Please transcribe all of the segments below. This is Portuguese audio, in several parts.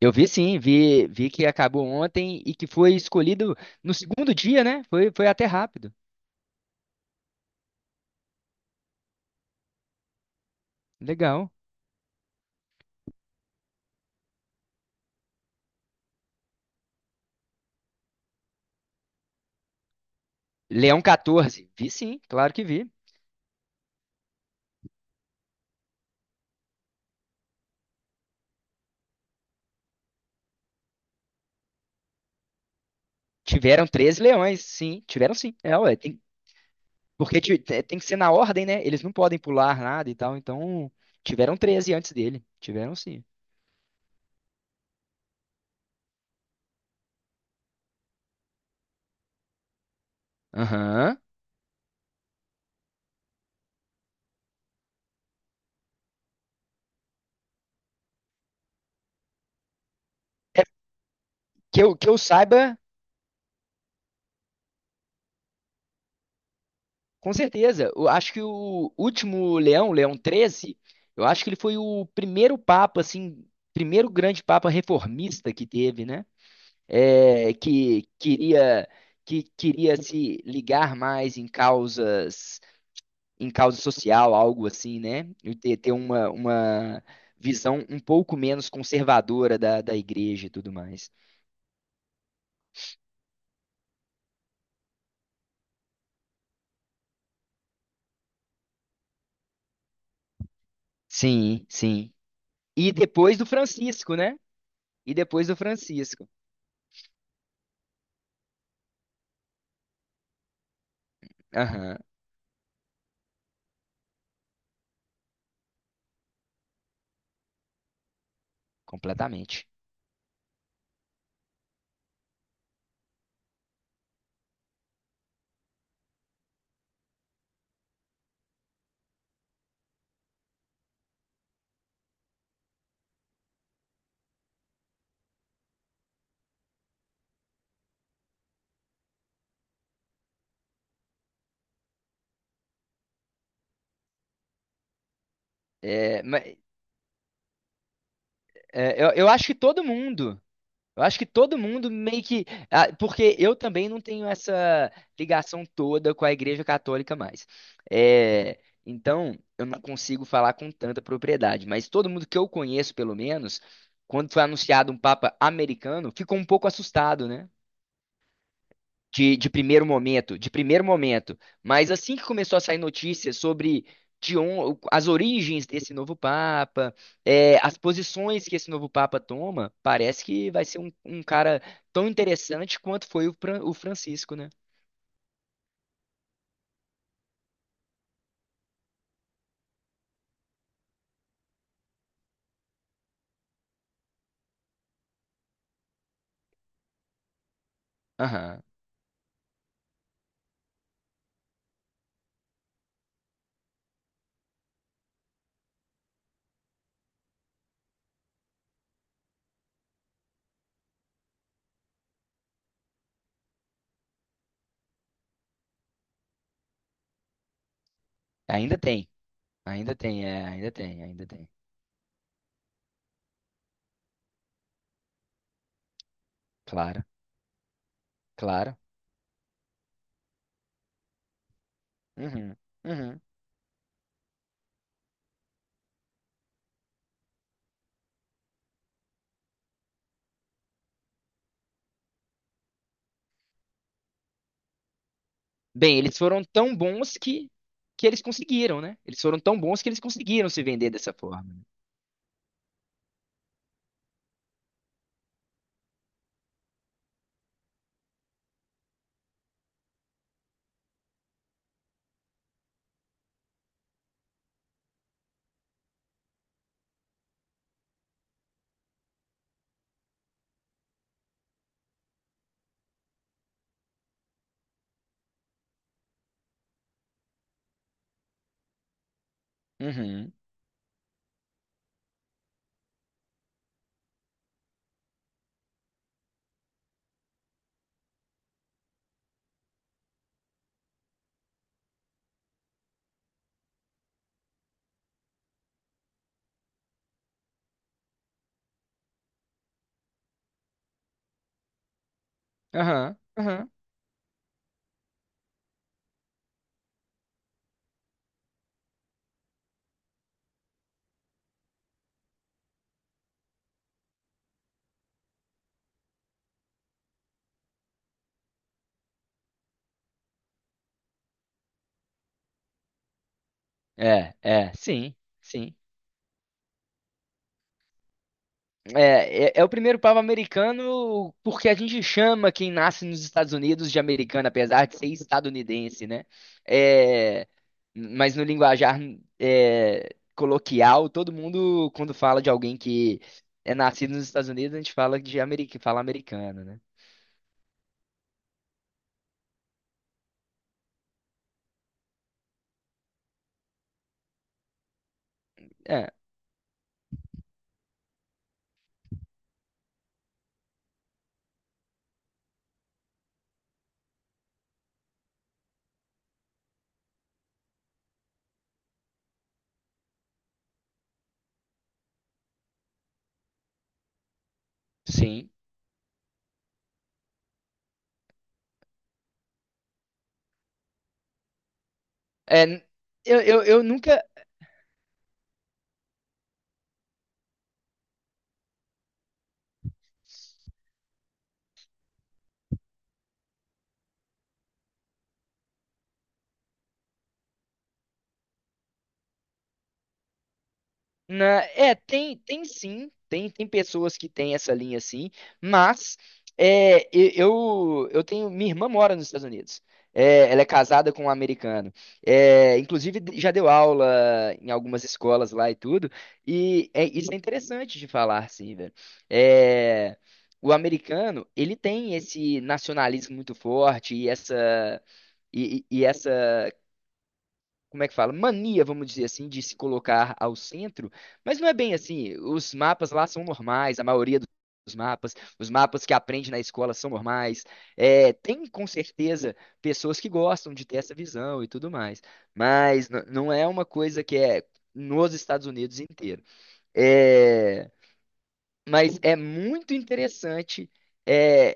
Eu vi sim, vi que acabou ontem e que foi escolhido no segundo dia, né? Foi até rápido. Legal. Leão XIV. Vi sim, claro que vi. Tiveram 13 leões, sim. Tiveram sim. É, ué, porque tem que ser na ordem, né? Eles não podem pular nada e tal. Então, tiveram 13 antes dele. Tiveram sim. Aham. É, que eu saiba. Com certeza. Eu acho que o último Leão, Leão XIII, eu acho que ele foi o primeiro papa, assim, primeiro grande papa reformista que teve, né? É, que queria se ligar mais em causas em causa social, algo assim, né? E ter uma visão um pouco menos conservadora da igreja e tudo mais. Sim, sim. E depois do Francisco, né? E depois do Francisco. Aham, completamente. É, mas, é, eu acho que todo mundo. Eu acho que todo mundo meio que. Ah, porque eu também não tenho essa ligação toda com a Igreja Católica mais. É, então, eu não consigo falar com tanta propriedade. Mas todo mundo que eu conheço, pelo menos, quando foi anunciado um Papa americano, ficou um pouco assustado, né? De primeiro momento, de primeiro momento. Mas assim que começou a sair notícias sobre as origens desse novo Papa, é, as posições que esse novo Papa toma, parece que vai ser um cara tão interessante quanto foi o Francisco, né? Aham. Ainda tem, ainda tem, é, ainda tem, ainda tem. Claro, claro. Uhum, uhum. Bem, eles foram tão bons que eles conseguiram, né? Eles foram tão bons que eles conseguiram se vender dessa forma. Uhum. Aham. Aham. É, é, sim, sim. É o primeiro pavo americano porque a gente chama quem nasce nos Estados Unidos de americano, apesar de ser estadunidense, né? É, mas no linguajar coloquial, todo mundo, quando fala de alguém que é nascido nos Estados Unidos, a gente fala americano, né? É, sim. É, eu nunca. É, tem sim, tem pessoas que têm essa linha, sim, mas eu tenho, minha irmã mora nos Estados Unidos. É, ela é casada com um americano. É, inclusive já deu aula em algumas escolas lá e tudo. E isso é interessante de falar, sim, velho. É, o americano, ele tem esse nacionalismo muito forte e essa, e essa, como é que fala, mania, vamos dizer assim, de se colocar ao centro, mas não é bem assim. Os mapas lá são normais, a maioria dos mapas, os mapas que aprende na escola são normais. É, tem com certeza pessoas que gostam de ter essa visão e tudo mais, mas não é uma coisa que é nos Estados Unidos inteiro. É, mas é muito interessante. é,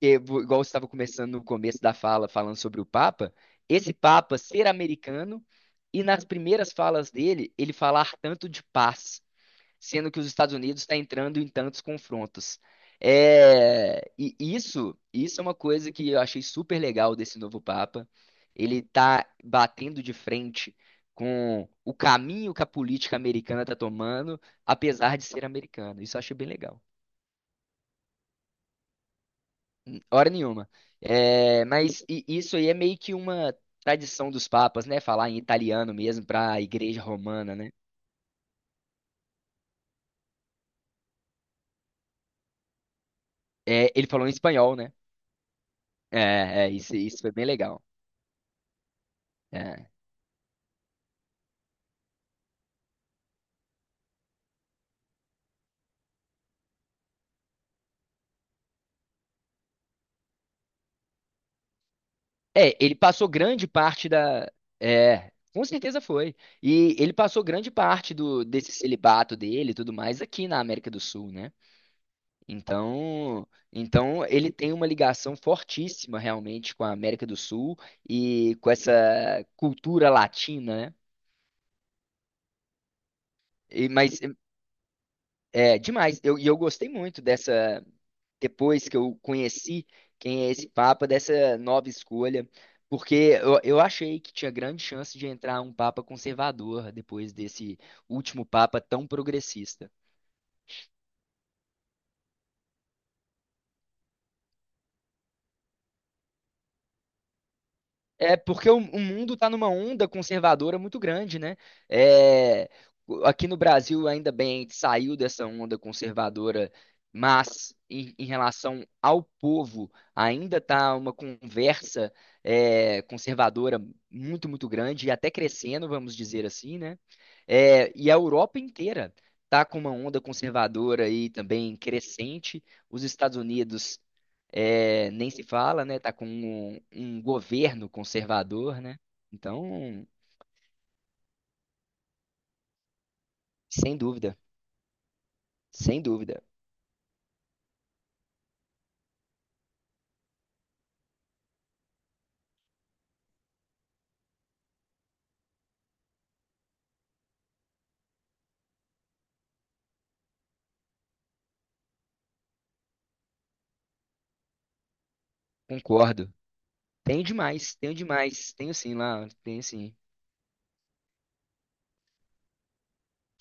porque, igual você estava começando no começo da fala, falando sobre o Papa, esse Papa ser americano e nas primeiras falas dele, ele falar tanto de paz, sendo que os Estados Unidos está entrando em tantos confrontos. É, e isso é uma coisa que eu achei super legal desse novo Papa. Ele está batendo de frente com o caminho que a política americana está tomando, apesar de ser americano. Isso eu achei bem legal. Hora nenhuma. É, mas isso aí é meio que uma tradição dos papas, né? Falar em italiano mesmo para a igreja romana, né? É, ele falou em espanhol, né? É, é, isso foi bem legal. É. É, ele passou grande parte da. É, com certeza foi. E ele passou grande parte desse celibato dele e tudo mais aqui na América do Sul, né? Então, então ele tem uma ligação fortíssima realmente com a América do Sul e com essa cultura latina, né? Mas é demais. Eu gostei muito dessa, depois que eu conheci quem é esse Papa, dessa nova escolha, porque eu achei que tinha grande chance de entrar um Papa conservador depois desse último Papa tão progressista. É porque o mundo está numa onda conservadora muito grande, né? É, aqui no Brasil, ainda bem, a gente saiu dessa onda conservadora, mas em relação ao povo, ainda está uma conversa conservadora muito, muito grande e até crescendo, vamos dizer assim, né? É, e a Europa inteira está com uma onda conservadora aí também crescente. Os Estados Unidos nem se fala, né? Tá com um governo conservador, né? Então, sem dúvida, sem dúvida, concordo. Tenho demais, tenho demais, tenho sim lá, tenho sim.